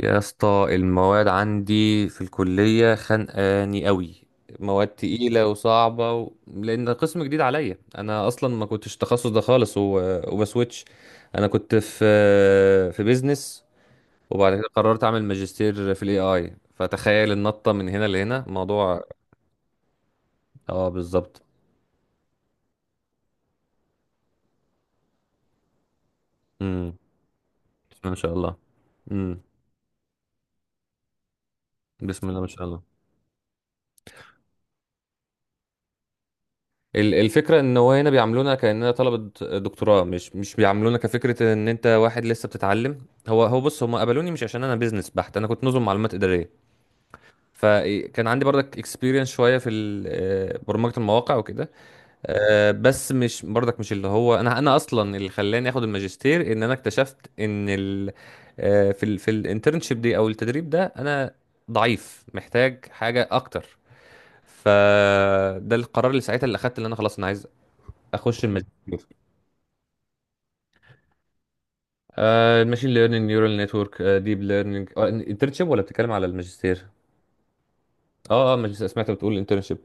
يا اسطى المواد عندي في الكلية خانقاني قوي. مواد تقيلة وصعبة لأن قسم جديد عليا، أنا أصلا ما كنتش التخصص ده خالص وبسويتش. أنا كنت في بيزنس، وبعد كده قررت أعمل ماجستير في الاي اي، فتخيل النطة من هنا لهنا موضوع. اه بالظبط. امم. بسم الله ما شاء الله. امم. بسم الله ما شاء الله. الفكرة ان هو هنا بيعاملونا كأننا طلبة دكتوراه، مش بيعاملونا كفكرة ان انت واحد لسه بتتعلم. هو بص، هم قبلوني مش عشان انا بيزنس بحت، انا كنت نظم معلومات إدارية. فكان عندي برضك اكسبيرينس شوية في برمجة المواقع وكده. بس مش برضك، مش اللي هو انا، انا اللي خلاني اخد الماجستير ان انا اكتشفت ان ال آه، في في الانترنشيب دي او التدريب ده، انا ضعيف محتاج حاجة اكتر. فده القرار اللي ساعتها، اللي اخدت، اللي انا خلاص انا عايز اخش الماجستير. الماشين ليرنينج، نيورال نتورك، ديب ليرنينج. انترنشيب ولا بتتكلم على الماجستير؟ اه اه، ماجستير، سمعت بتقول انترنشيب.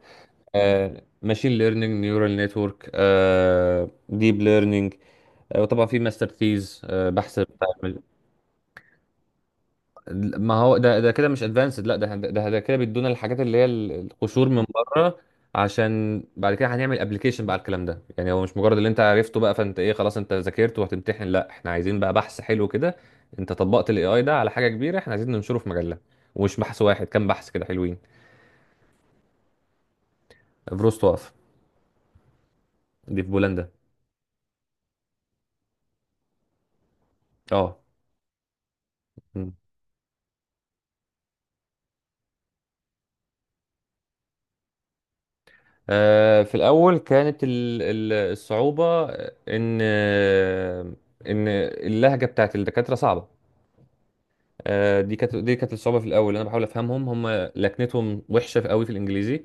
ماشين ليرنينج، نيورال نتورك، ديب ليرنينج. وطبعا في ماستر ثيز، بحث بتاع. ما هو ده، ده كده مش ادفانسد، لا ده كده بيدونا الحاجات اللي هي القشور من بره، عشان بعد كده هنعمل ابلكيشن بقى على الكلام ده. يعني هو مش مجرد اللي انت عرفته بقى، فانت ايه، خلاص انت ذاكرت وهتمتحن؟ لا، احنا عايزين بقى بحث حلو كده. انت طبقت الاي اي ده على حاجه كبيره، احنا عايزين ننشره في مجله، ومش بحث واحد، كام بحث كده حلوين. فروست وقف. دي في بولندا. اه. م. في الاول كانت الصعوبه ان ان اللهجه بتاعت الدكاتره صعبه. دي كانت الصعوبه في الاول، انا بحاول افهمهم هم، لكنتهم وحشه في قوي في الانجليزي.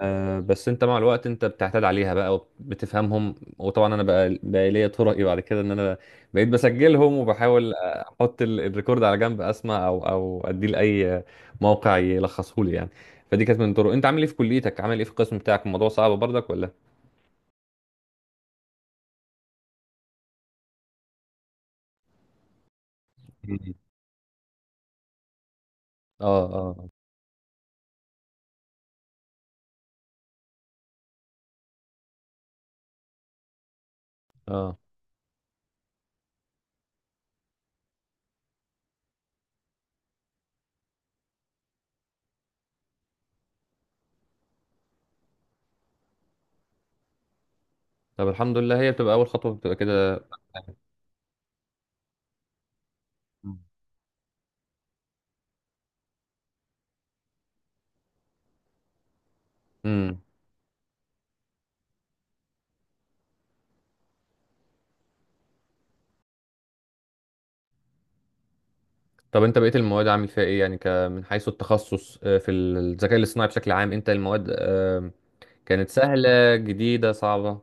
بس انت مع الوقت انت بتعتاد عليها بقى وبتفهمهم. وطبعا انا بقى ليا طرقي بعد كده، ان انا بقيت بسجلهم وبحاول احط الريكورد على جنب، اسمع او اديه لاي موقع يلخصه لي يعني. فدي كانت من الطرق. انت عامل ايه في كليتك، عامل ايه في القسم بتاعك؟ الموضوع صعب برضك ولا؟ مم. اه اه اه. طب الحمد لله، هي بتبقى اول خطوه بتبقى كده. مم. طب انت بقيت المواد عامل فيها ايه يعني، من حيث التخصص؟ في الذكاء الاصطناعي بشكل عام، انت المواد كانت سهلة، جديدة، صعبة؟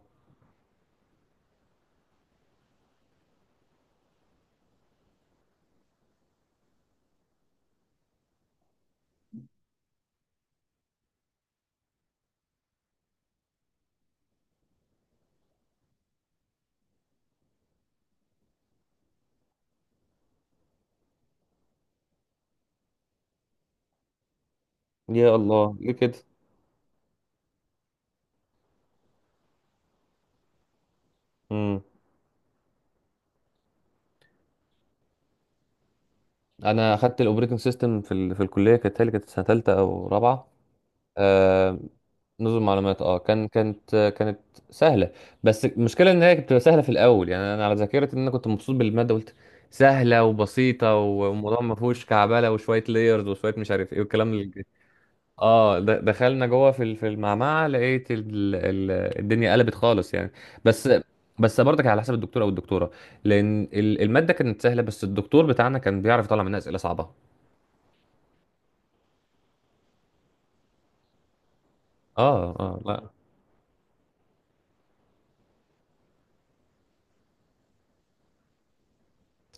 يا الله، ليه كده؟ امم. انا اخدت الاوبريتنج سيستم في في الكلية، كانت هي كانت سنة تالتة او رابعة. آه، نظم معلومات. اه كان كانت سهلة. بس المشكلة ان هي كانت بتبقى سهلة في الاول. يعني انا على ذاكرتي ان انا كنت مبسوط بالمادة، قلت سهلة وبسيطة والموضوع ما فيهوش كعبلة، وشوية لايرز وشوية مش عارف ايه والكلام. اه، دخلنا جوه في في المعمعه، لقيت الدنيا قلبت خالص يعني. بس برضك على حسب الدكتور او الدكتوره، لان الماده كانت سهله، بس الدكتور بتاعنا كان بيعرف يطلع منها اسئله صعبه. اه اه، لا.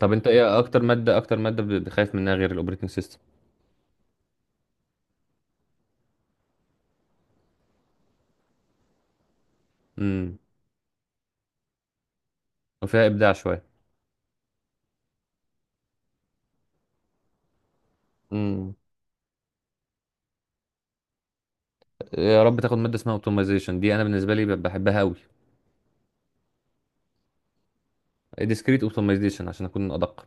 طب انت ايه اكتر ماده، بخايف منها غير الاوبريتنج سيستم؟ امم. وفيها ابداع شويه. امم. يا رب تاخد ماده اسمها اوتومايزيشن، دي انا بالنسبه لي بحبها قوي. ديسكريت اوتومايزيشن عشان اكون ادق.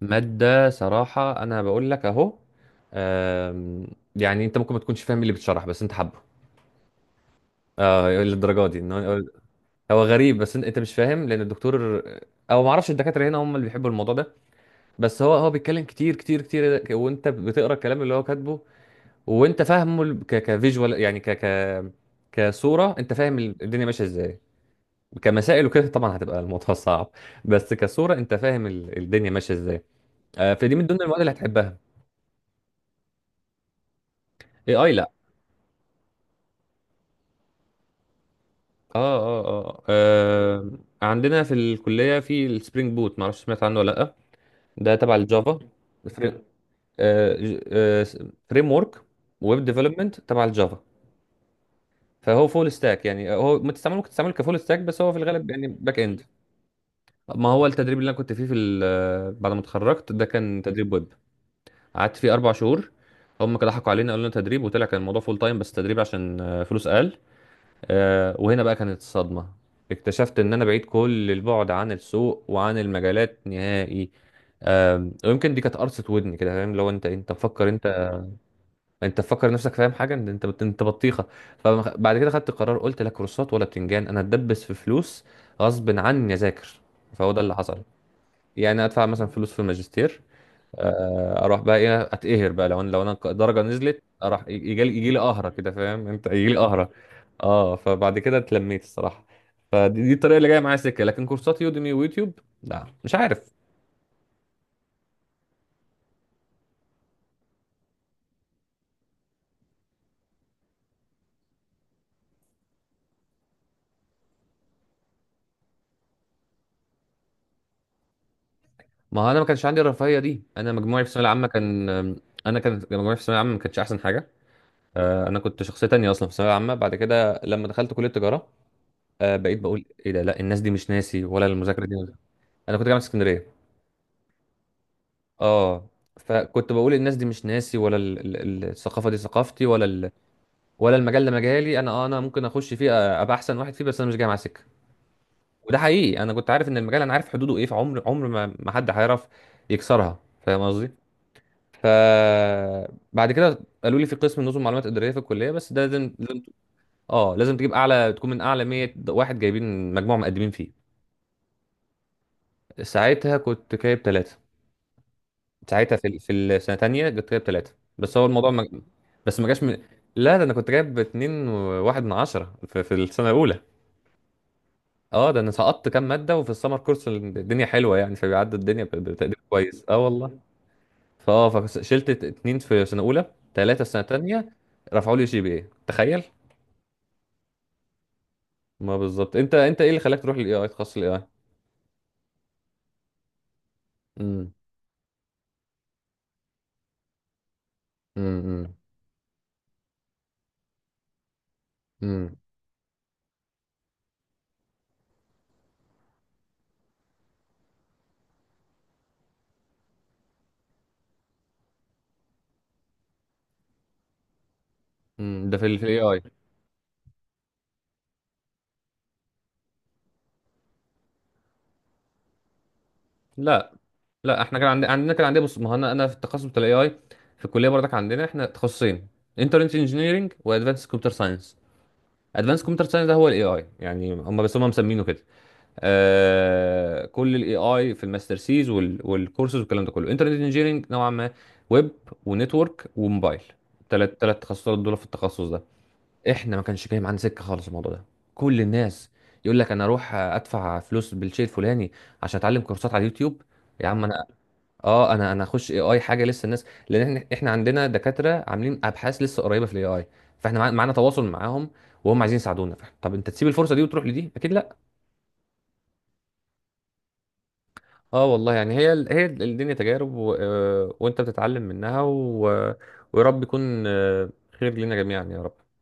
مادة، صراحة أنا بقول لك أهو. آم، يعني أنت ممكن ما تكونش فاهم إيه اللي بيتشرح، بس أنت حابه أه للدرجة دي إن هو هو غريب. بس أنت مش فاهم، لأن الدكتور أو ما أعرفش الدكاترة هنا هم اللي بيحبوا الموضوع ده. بس هو بيتكلم كتير كتير كتير، وأنت بتقرأ الكلام اللي هو كاتبه، وأنت فاهمه ال- ك كفيجوال يعني، ك ك كصورة، أنت فاهم الدنيا ماشية إزاي. كمسائل وكده طبعا هتبقى الموضوع صعب، بس كصورة أنت فاهم الدنيا ماشية إزاي. فدي من ضمن المواد اللي هتحبها. اي اي. اه اه اه. عندنا في الكلية في السبرينج بوت، معرفش سمعت عنه ولا لأ. ده تبع الجافا. فريم فريم ورك، ويب ديفلوبمنت تبع الجافا. فهو فول ستاك. يعني هو ما تستعمله ممكن تستعمله كفول ستاك، بس هو في الغالب يعني باك اند. ما هو التدريب اللي انا كنت فيه في بعد ما اتخرجت ده كان تدريب ويب، قعدت فيه 4 شهور. هم كده ضحكوا علينا، قالوا لنا تدريب وطلع كان الموضوع فول تايم، بس تدريب عشان فلوس اقل. وهنا بقى كانت الصدمة، اكتشفت ان انا بعيد كل البعد عن السوق وعن المجالات نهائي. ويمكن دي كانت قرصة ودني كده، فاهم؟ لو انت مفكر، انت مفكر نفسك فاهم حاجة، انت انت بطيخة. فبعد كده خدت قرار، قلت لا كورسات ولا بتنجان، انا اتدبس في فلوس غصب عني اذاكر. فهو ده اللي حصل. يعني ادفع مثلا فلوس في الماجستير، اروح بقى ايه، اتقهر بقى لو انا، لو انا الدرجه نزلت اروح، يجي لي قهره كده فاهم انت، يجي لي قهره. اه، فبعد كده اتلميت الصراحه. فدي الطريقه اللي جايه معايا سكه، لكن كورسات يوديمي ويوتيوب، لا مش عارف. ما هو انا ما كانش عندي الرفاهيه دي، انا مجموعي في الثانويه العامه كان، انا كان مجموعي في الثانويه العامه ما كانتش احسن حاجه. انا كنت شخصيه تانية اصلا في الثانويه العامه. بعد كده لما دخلت كليه تجاره، بقيت بقول ايه ده، لا الناس دي مش ناسي ولا المذاكره دي. انا كنت جامعه اسكندريه. اه. فكنت بقول الناس دي مش ناسي، ولا الثقافه دي ثقافتي، ولا ولا المجال ده مجالي. انا اه انا ممكن اخش فيه، ابقى احسن واحد فيه، بس انا مش جاي مع سكه. وده حقيقي، انا كنت عارف ان المجال، انا عارف حدوده ايه، فعمر عمر ما حد هيعرف يكسرها، فاهم قصدي. ف بعد كده قالوا لي في قسم نظم معلومات اداريه في الكليه، بس ده لازم. اه لازم تجيب اعلى، تكون من اعلى 100 واحد جايبين مجموع مقدمين فيه. ساعتها كنت جايب 3. ساعتها في السنه الثانيه جبت، جايب 3. بس هو الموضوع ما... بس ما جاش من. لا، ده انا كنت جايب 2.1 من 10 في, في السنه الاولى. اه ده انا سقطت كام ماده، وفي السمر كورس الدنيا حلوه يعني، فبيعدي الدنيا بتقدير كويس. اه والله. فاه فشلت 2 في سنه اولى، 3 سنه ثانيه، رفعوا لي جي بي اي تخيل. ما بالظبط، انت ايه اللي خلاك تروح للاي اي، تخصص الاي اي؟ امم. امم. امم. ده في الاي اي. لا، لا احنا كان عندنا، عندنا كان عندنا بص، ما هو انا في التخصص بتاع الاي اي في الكليه برضك عندنا احنا تخصصين: انترنت انجينيرنج وادفانس كمبيوتر ساينس. ادفانس كمبيوتر ساينس ده هو الاي اي يعني، هم بس هم مسمينه كده. آه كل الاي اي في الماستر سيز، وال والكورسز والكلام ده كله، انترنت انجينيرنج نوعا ما: ويب ونتورك وموبايل، ثلاث تخصصات دول في التخصص ده. احنا ما كانش جاي معانا سكه خالص الموضوع ده. كل الناس يقول لك انا اروح ادفع فلوس بالشيء الفلاني عشان اتعلم كورسات على اليوتيوب. يا عم انا، اه انا هخش اي اي، حاجه لسه الناس، لان احنا عندنا دكاتره عاملين ابحاث لسه قريبه في الاي اي، فاحنا معانا تواصل معاهم وهم عايزين يساعدونا. فإحنا، طب انت تسيب الفرصه دي وتروح لدي؟ اكيد لا. اه والله يعني، الدنيا تجارب و... آه، وانت بتتعلم منها ويا رب يكون آه، خير لنا جميعا يا رب.